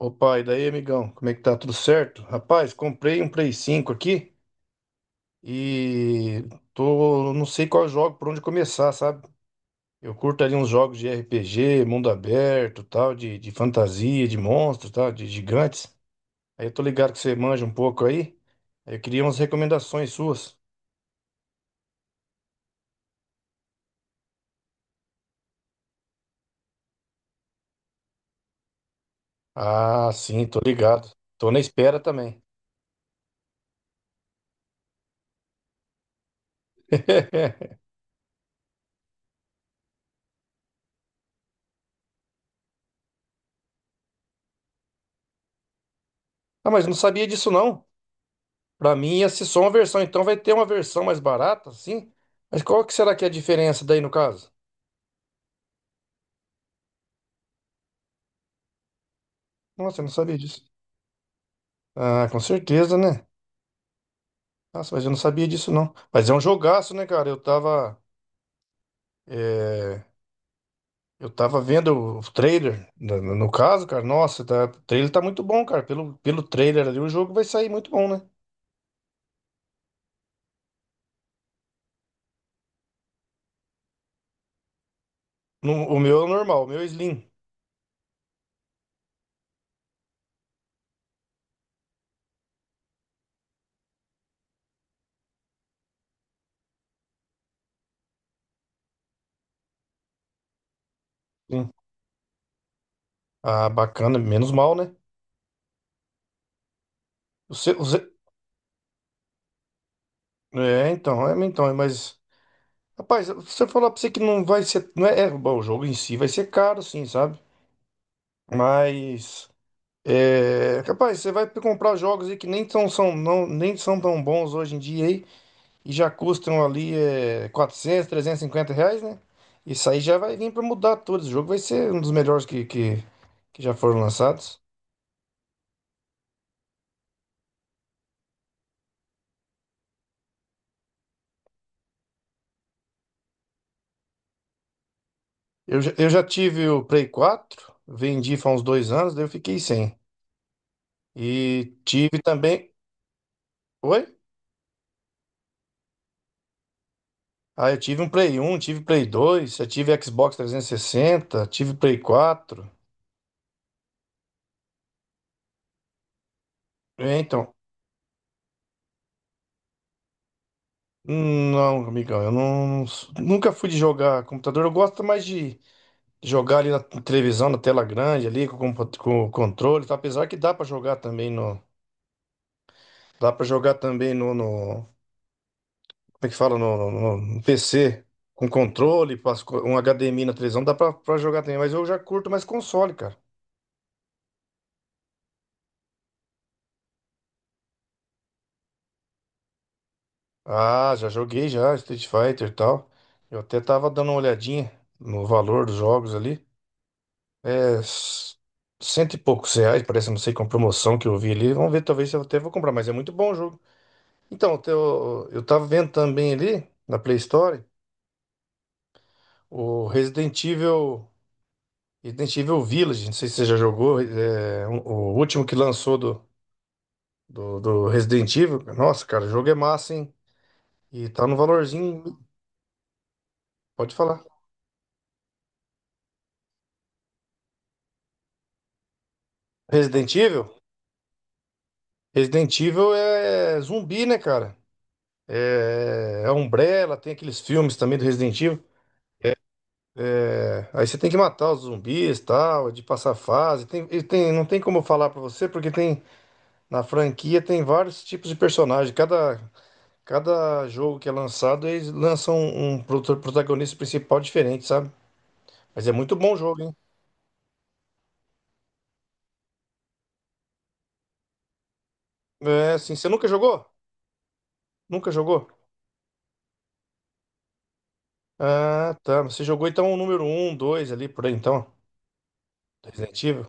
Opa, e daí, amigão? Como é que tá? Tudo certo? Rapaz, comprei um Play cinco aqui e tô, não sei qual jogo, por onde começar, sabe? Eu curto ali uns jogos de RPG, mundo aberto, tal, de fantasia, de monstros, tal, de gigantes. Aí eu tô ligado que você manja um pouco aí. Aí eu queria umas recomendações suas. Ah, sim, tô ligado. Tô na espera também. Ah, mas não sabia disso não. Pra mim ia ser só uma versão, então vai ter uma versão mais barata, sim. Mas qual que será que é a diferença daí no caso? Nossa, eu não sabia disso. Ah, com certeza, né? Nossa, mas eu não sabia disso não. Mas é um jogaço, né, cara? Eu tava, é, eu tava vendo o trailer, no caso, cara. Nossa, tá- o trailer tá muito bom, cara. Pelo trailer ali, o jogo vai sair muito bom, né? O meu é normal, o meu é Slim. Sim. Ah, bacana, menos mal, né? O seu, o ze- É, então, é, então, é, mas. Rapaz, se eu falar pra você que não vai ser. Não é, é, bom, o jogo em si vai ser caro, sim, sabe? Mas. É, rapaz, você vai comprar jogos aí que nem são tão bons hoje em dia aí, e já custam ali R$ 400, R$ 350, né? Isso aí já vai vir pra mudar tudo. Esse jogo vai ser um dos melhores que já foram lançados. Eu já tive o Play 4, vendi faz uns dois anos, daí eu fiquei sem. E tive também. Oi? Ah, eu tive um Play um, tive Play dois, eu tive Xbox 360, tive Play quatro. É, então, não, amigão, eu não, nunca fui de jogar computador. Eu gosto mais de jogar ali na televisão, na tela grande, ali com, com o controle, tá? Apesar que dá para jogar também no, como é que fala, no PC com controle, um HDMI na televisão, dá pra jogar também. Mas eu já curto mais console, cara. Ah, já joguei já, Street Fighter e tal. Eu até tava dando uma olhadinha no valor dos jogos ali. É s- cento e poucos reais, parece, não sei, com promoção que eu vi ali. Vamos ver, talvez eu até vou comprar, mas é muito bom o jogo. Então, eu tava vendo também ali na Play Store o Resident Evil, Resident Evil Village, não sei se você já jogou, é, o último que lançou do Resident Evil. Nossa, cara, o jogo é massa, hein? E tá no valorzinho, pode falar. Resident Evil? Resident Evil é zumbi, né, cara? É, é Umbrella, tem aqueles filmes também do Resident Evil. É, Aí você tem que matar os zumbis, tal, é de passar fase. Não tem como eu falar pra você, porque tem na franquia tem vários tipos de personagem. Cada jogo que é lançado, eles lançam um, protagonista principal diferente, sabe? Mas é muito bom o jogo, hein? É, assim, você nunca jogou? Nunca jogou? Ah, tá. Mas você jogou então o número um, 2 ali por aí, então, Resident Evil.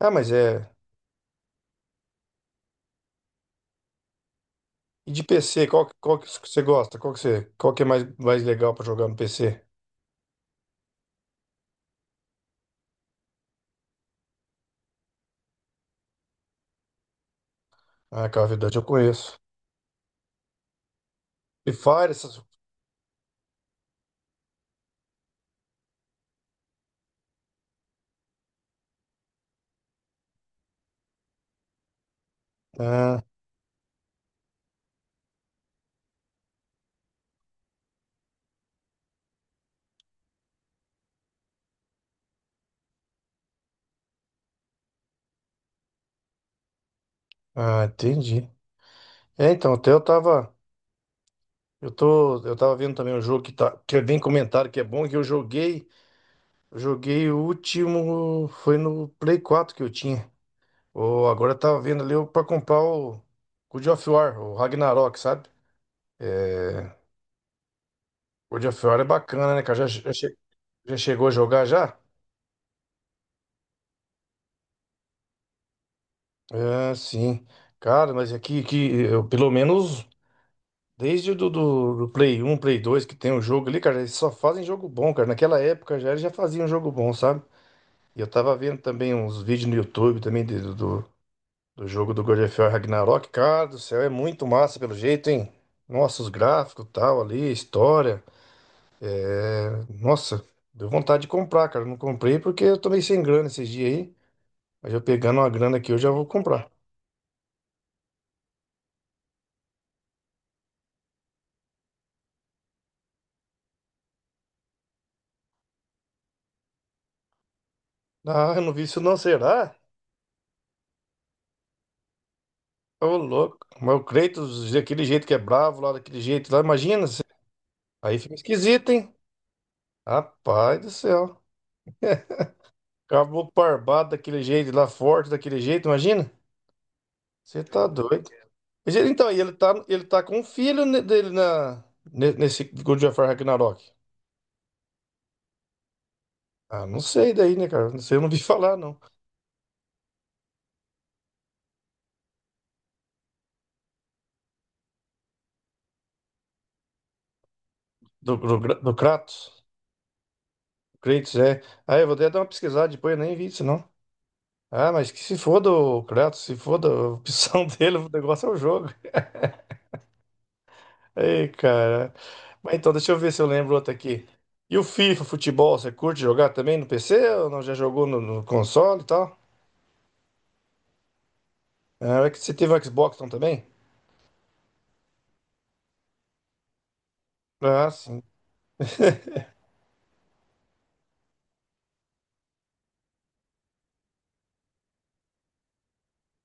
Ah, mas é. E de PC, qual que você gosta? Qual que é mais legal pra jogar no PC? Ah, Call of Duty eu conheço. Free Fire, essas... Ah, ah, entendi. É, então, até eu tava... eu tava vendo também um jogo que, tá, que vem comentado que é bom, que eu joguei... eu joguei o último... Foi no Play Quatro que eu tinha. Ou agora eu tava vendo ali pra comprar o God of War, o Ragnarok, sabe? É, God of War é bacana, né, cara? Já chegou a jogar já? É, sim. Cara, mas aqui, que eu, pelo menos desde o do, do, do Play um, Play dois que tem o jogo ali, cara, eles só fazem jogo bom, cara. Naquela época já eles já faziam jogo bom, sabe? E eu tava vendo também uns vídeos no YouTube também do jogo do God of War Ragnarok. Cara do céu, é muito massa pelo jeito, hein? Nossa, os gráficos tal ali, a história. Nossa, deu vontade de comprar, cara. Não comprei porque eu tô sem grana esses dias aí. Mas eu pegando uma grana aqui, eu já vou comprar. Ah, eu não vi isso não, será? Ô, louco. Mas o Kratos, daquele jeito que é bravo, lá daquele jeito lá, imagina. Aí fica esquisito, hein? Rapaz do céu. Caboclo barbado daquele jeito lá, forte daquele jeito, imagina. Você tá doido. Então, e ele tá com um filho dele na, nesse God of War Ragnarok. Ah, não sei daí, né, cara? Não sei, eu não vi falar, não. Do Kratos. Kratos, é. Ah, eu vou até dar uma pesquisada depois, eu nem vi isso, não. Ah, mas que se foda o Kratos, se foda a opção dele, o negócio é o jogo. Ei, cara. Mas então, deixa eu ver se eu lembro outro aqui. E o FIFA, futebol, você curte jogar também no PC ou não? Já jogou no console e tal? Ah, é que você teve um Xbox então, também? Ah, sim.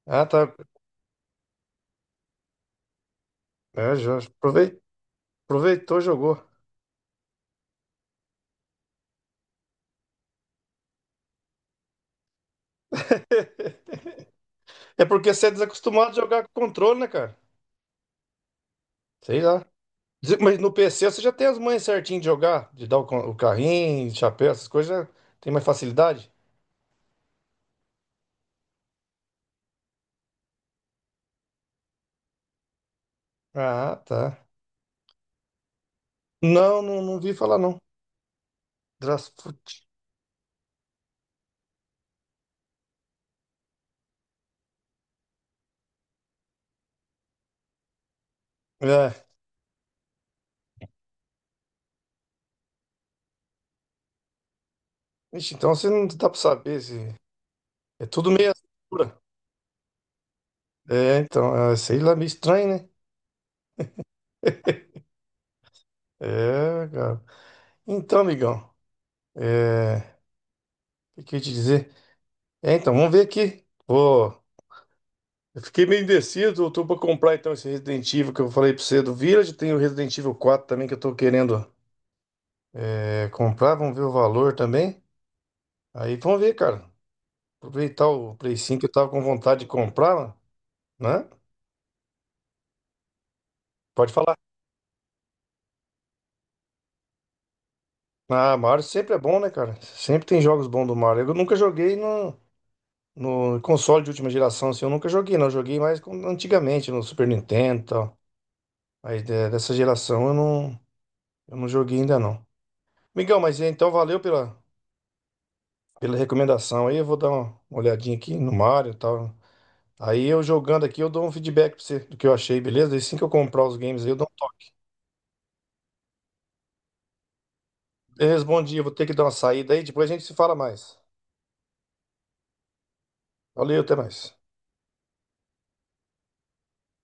Ah, tá. É, já aprovei- aproveitou, jogou. É porque você é desacostumado a jogar com controle, né, cara? Sei lá. Mas no PC você já tem as manhas certinho de jogar, de dar o carrinho, chapéu, essas coisas, já tem mais facilidade? Ah, tá. Não, não vi falar, não. Draft. Vixe, então você não dá pra saber se. É tudo meio assinatura. É, então, é, sei lá, meio estranho, né? É, cara. Então, amigão, é. O que eu ia te dizer? É, então, vamos ver aqui. Pô, eu fiquei meio indeciso. Eu tô pra comprar então esse Resident Evil que eu falei pra você do Village. Tem o Resident Evil 4 também que eu tô querendo comprar. Vamos ver o valor também. Aí vamos ver, cara. Aproveitar o Play cinco que eu tava com vontade de comprar, né? Pode falar. Ah, Mario sempre é bom, né, cara? Sempre tem jogos bons do Mario. Eu nunca joguei no console de última geração, assim, eu nunca joguei, não. Eu joguei mais antigamente, no Super Nintendo e tal. Dessa geração eu não joguei ainda, não. Migão, mas é, então valeu pela recomendação aí. Eu vou dar uma olhadinha aqui no Mario e tal. Aí eu jogando aqui, eu dou um feedback pra você do que eu achei, beleza? E assim que eu comprar os games aí, eu dou um toque. Eu respondi, eu vou ter que dar uma saída aí, depois a gente se fala mais. Valeu, até mais.